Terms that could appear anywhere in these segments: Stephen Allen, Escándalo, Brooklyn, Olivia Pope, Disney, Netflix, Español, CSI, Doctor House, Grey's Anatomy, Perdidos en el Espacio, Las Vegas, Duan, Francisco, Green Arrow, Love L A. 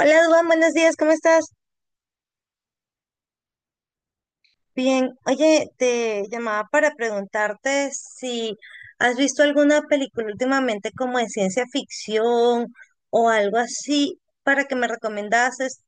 Hola, Duan, buenos días, ¿cómo estás? Bien, oye, te llamaba para preguntarte si has visto alguna película últimamente como de ciencia ficción o algo así para que me recomendases.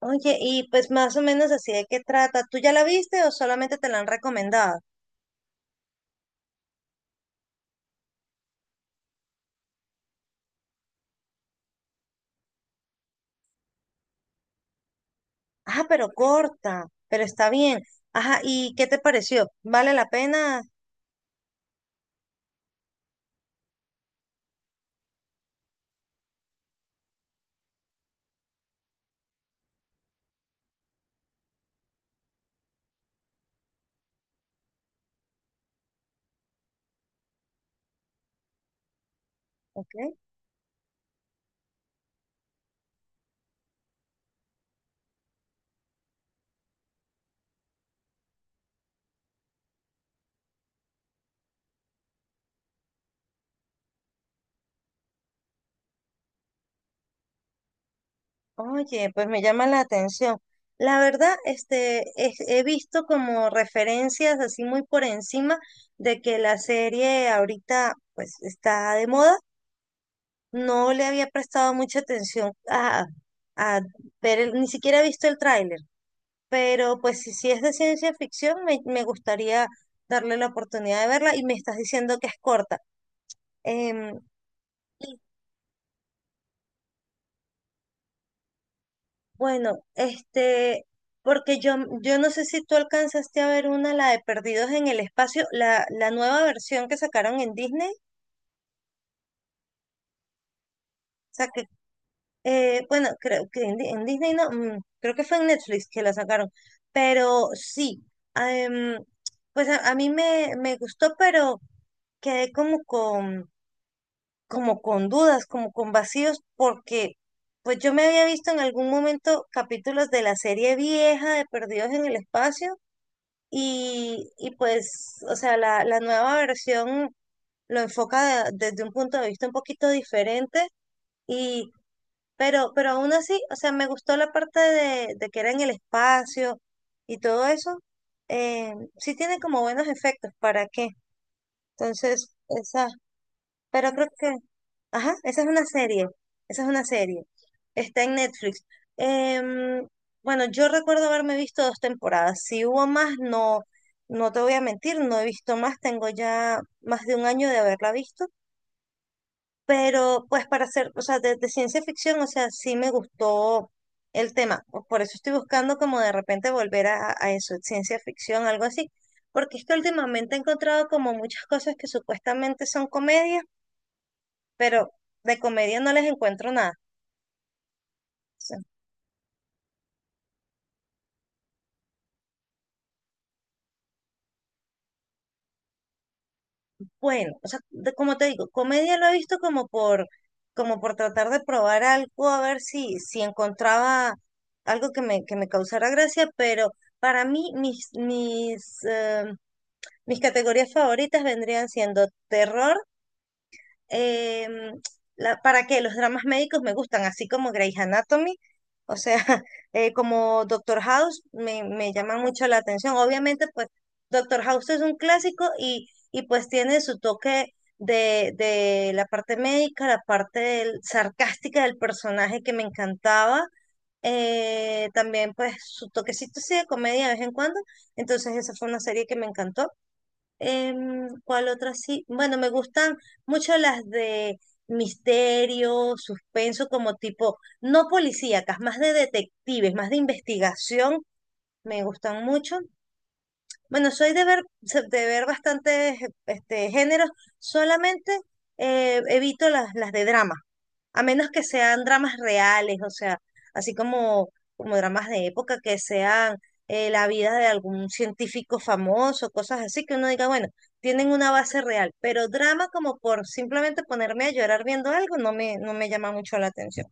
Oye, y pues más o menos así de qué trata. ¿Tú ya la viste o solamente te la han recomendado? Ah, pero corta, pero está bien. Ajá, ¿y qué te pareció? ¿Vale la pena? Ok. Oye, pues me llama la atención. La verdad, este, he visto como referencias así muy por encima de que la serie ahorita pues está de moda. No le había prestado mucha atención a ver, ni siquiera he visto el tráiler, pero pues si es de ciencia ficción, me gustaría darle la oportunidad de verla y me estás diciendo que es corta. Em, Bueno, este, porque yo no sé si tú alcanzaste a ver una, la de Perdidos en el Espacio, la nueva versión que sacaron en Disney. O sea que, bueno, creo que en, en Disney no, creo que fue en Netflix que la sacaron. Pero sí, ah, em, pues a mí me gustó, pero quedé como con dudas, como con vacíos, porque pues yo me había visto en algún momento capítulos de la serie vieja de Perdidos en el Espacio. Y pues, o sea, la nueva versión lo enfoca desde un punto de vista un poquito diferente, y, pero aún así, o sea, me gustó la parte de que era en el espacio y todo eso. Sí tiene como buenos efectos, ¿para qué? Entonces, esa, pero creo que ajá, esa es una serie, esa es una serie. Está en Netflix. Em, bueno, yo recuerdo haberme visto dos temporadas. Si hubo más, no, no te voy a mentir, no he visto más. Tengo ya más de un año de haberla visto. Pero pues para hacer, o sea, de ciencia ficción, o sea, sí me gustó el tema. O Por eso estoy buscando como de repente volver a eso, ciencia ficción, algo así. Porque es que últimamente he encontrado como muchas cosas que supuestamente son comedias, pero de comedia no les encuentro nada. Sea, bueno, o sea, como te digo, comedia lo he visto como por, como por tratar de probar algo, a ver si encontraba algo que que me causara gracia, pero para mí mis categorías favoritas vendrían siendo terror, eh, ¿para qué? Los dramas médicos me gustan, así como Grey's Anatomy, o sea, como Doctor House, me llama mucho la atención. Obviamente, pues Doctor House es un clásico y pues tiene su toque de la parte médica, la parte sarcástica del personaje que me encantaba. También pues su toquecito así de comedia de vez en cuando. Entonces esa fue una serie que me encantó. ¿Cuál otra sí? Bueno, me gustan mucho las de misterio, suspenso, como tipo, no policíacas, más de detectives, más de investigación, me gustan mucho. Bueno, soy de ver, de ver bastantes este, géneros, solamente evito las de drama, a menos que sean dramas reales, o sea, así como, como dramas de época, que sean la vida de algún científico famoso, cosas así, que uno diga, bueno, tienen una base real, pero drama como por simplemente ponerme a llorar viendo algo no no me llama mucho la atención.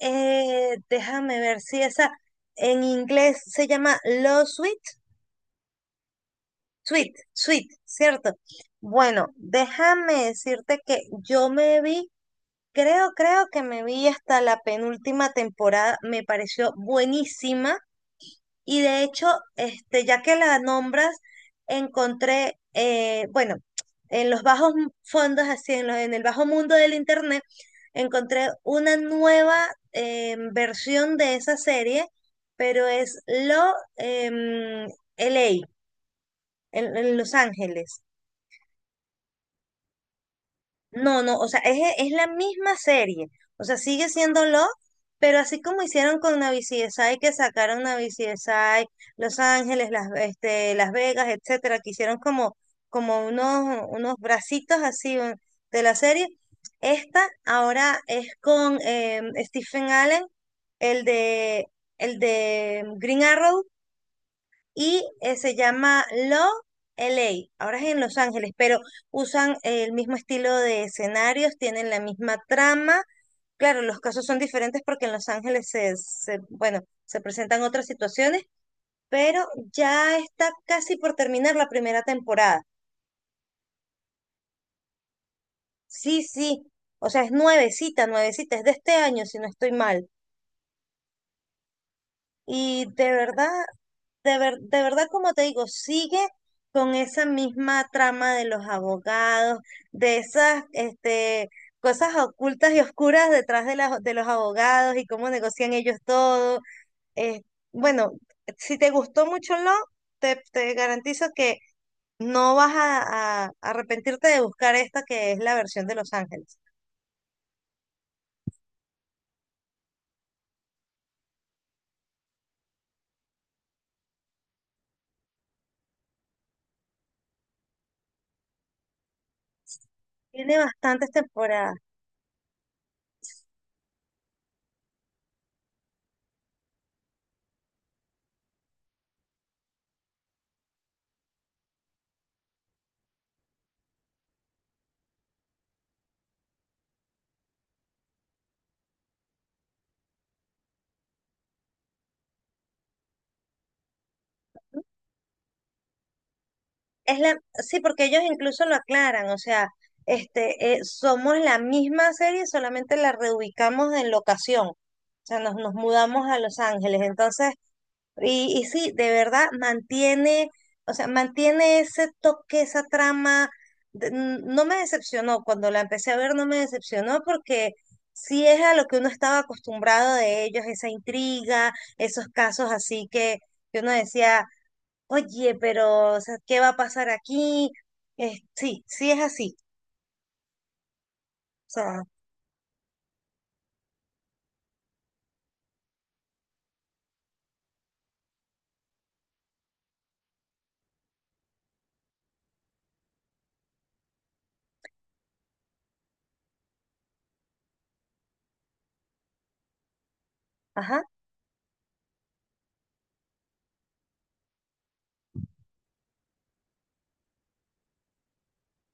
Déjame ver si esa en inglés se llama Lost. Sweet, Sweet, ¿cierto? Bueno, déjame decirte que yo me vi, creo, creo que me vi hasta la penúltima temporada, me pareció buenísima y de hecho, este, ya que la nombras, encontré, bueno, en los bajos fondos, así en, en el bajo mundo del internet, encontré una nueva versión de esa serie, pero es Lo em, LA, en Los Ángeles. No, no, o sea, es la misma serie. O sea, sigue siendo Love, pero así como hicieron con Navi CSI, que sacaron Navi CSI, Los Ángeles, Las, este, Las Vegas, etcétera, que hicieron como, como unos, unos bracitos así de la serie. Esta ahora es con Stephen Allen, el de, el de Green Arrow, y se llama Love L A. Ahora es en Los Ángeles, pero usan el mismo estilo de escenarios, tienen la misma trama. Claro, los casos son diferentes porque en Los Ángeles bueno, se presentan otras situaciones, pero ya está casi por terminar la primera temporada. Sí, sí. O sea, es nuevecita, nuevecita, es de este año, si no estoy mal. Y de verdad de verdad, como te digo, sigue con esa misma trama de los abogados, de esas este, cosas ocultas y oscuras detrás de los abogados y cómo negocian ellos todo. Eh, bueno, si te gustó mucho lo te garantizo que no vas a arrepentirte de buscar esta que es la versión de Los Ángeles. Tiene bastantes temporadas. Es la, sí, porque ellos incluso lo aclaran, o sea, somos la misma serie, solamente la reubicamos en locación. O sea, nos, nos mudamos a Los Ángeles. Entonces, y sí, de verdad mantiene, o sea, mantiene ese toque, esa trama. No me decepcionó, cuando la empecé a ver no me decepcionó porque sí es a lo que uno estaba acostumbrado de ellos, esa intriga, esos casos así que uno decía, oye, pero, o sea, ¿qué va a pasar aquí? Sí, sí es así. O sea, ajá,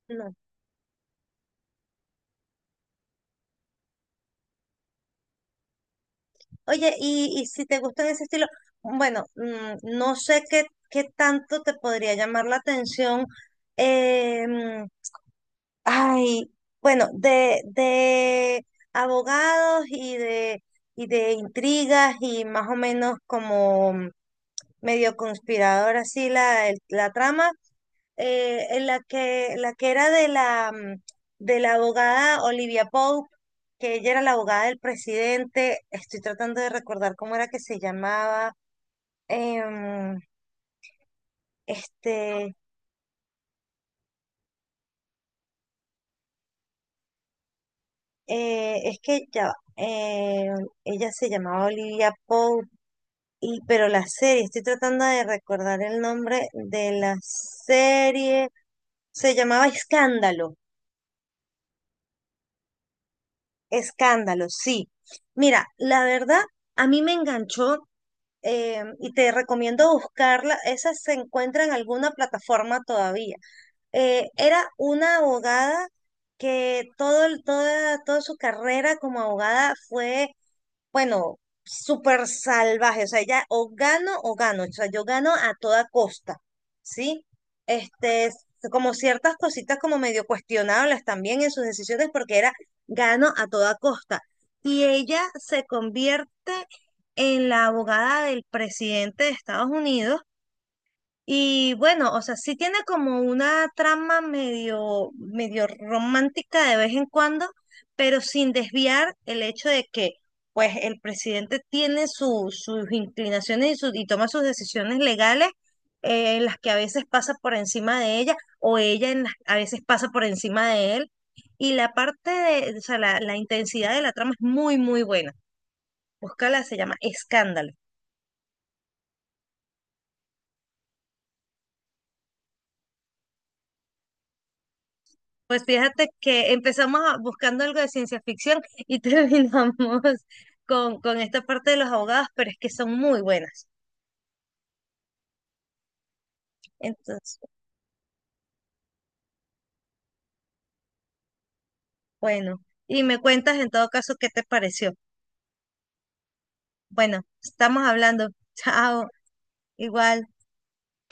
no. Oye, y si te gustan ese estilo, bueno, no sé qué, qué tanto te podría llamar la atención. eh, mm, ay, bueno, de abogados y de intrigas y más o menos como medio conspirador así la trama. En la que era de la, de la abogada Olivia Pope, que ella era la abogada del presidente. Estoy tratando de recordar cómo era que se llamaba. em, este, es que ya, va, ella se llamaba Olivia Pope, pero la serie, estoy tratando de recordar el nombre de la serie. Se llamaba Escándalo. Escándalo, sí. Mira, la verdad, a mí me enganchó y te recomiendo buscarla. Esa se encuentra en alguna plataforma todavía. Era una abogada que todo, toda, toda su carrera como abogada fue bueno, súper salvaje, o sea, ella o gano o gano, o sea, yo gano a toda costa, ¿sí? Este, como ciertas cositas como medio cuestionables también en sus decisiones porque era gano a toda costa. Y ella se convierte en la abogada del presidente de Estados Unidos y bueno, o sea, sí tiene como una trama medio, medio romántica de vez en cuando, pero sin desviar el hecho de que, pues, el presidente tiene sus inclinaciones y toma sus decisiones legales, en las que a veces pasa por encima de ella, o ella a veces pasa por encima de él. Y la parte de, o sea, la intensidad de la trama es muy, muy buena. Búscala, se llama Escándalo. Pues fíjate que empezamos buscando algo de ciencia ficción y terminamos con esta parte de los abogados, pero es que son muy buenas. Entonces, bueno, y me cuentas en todo caso qué te pareció. Bueno, estamos hablando. Chao, igual.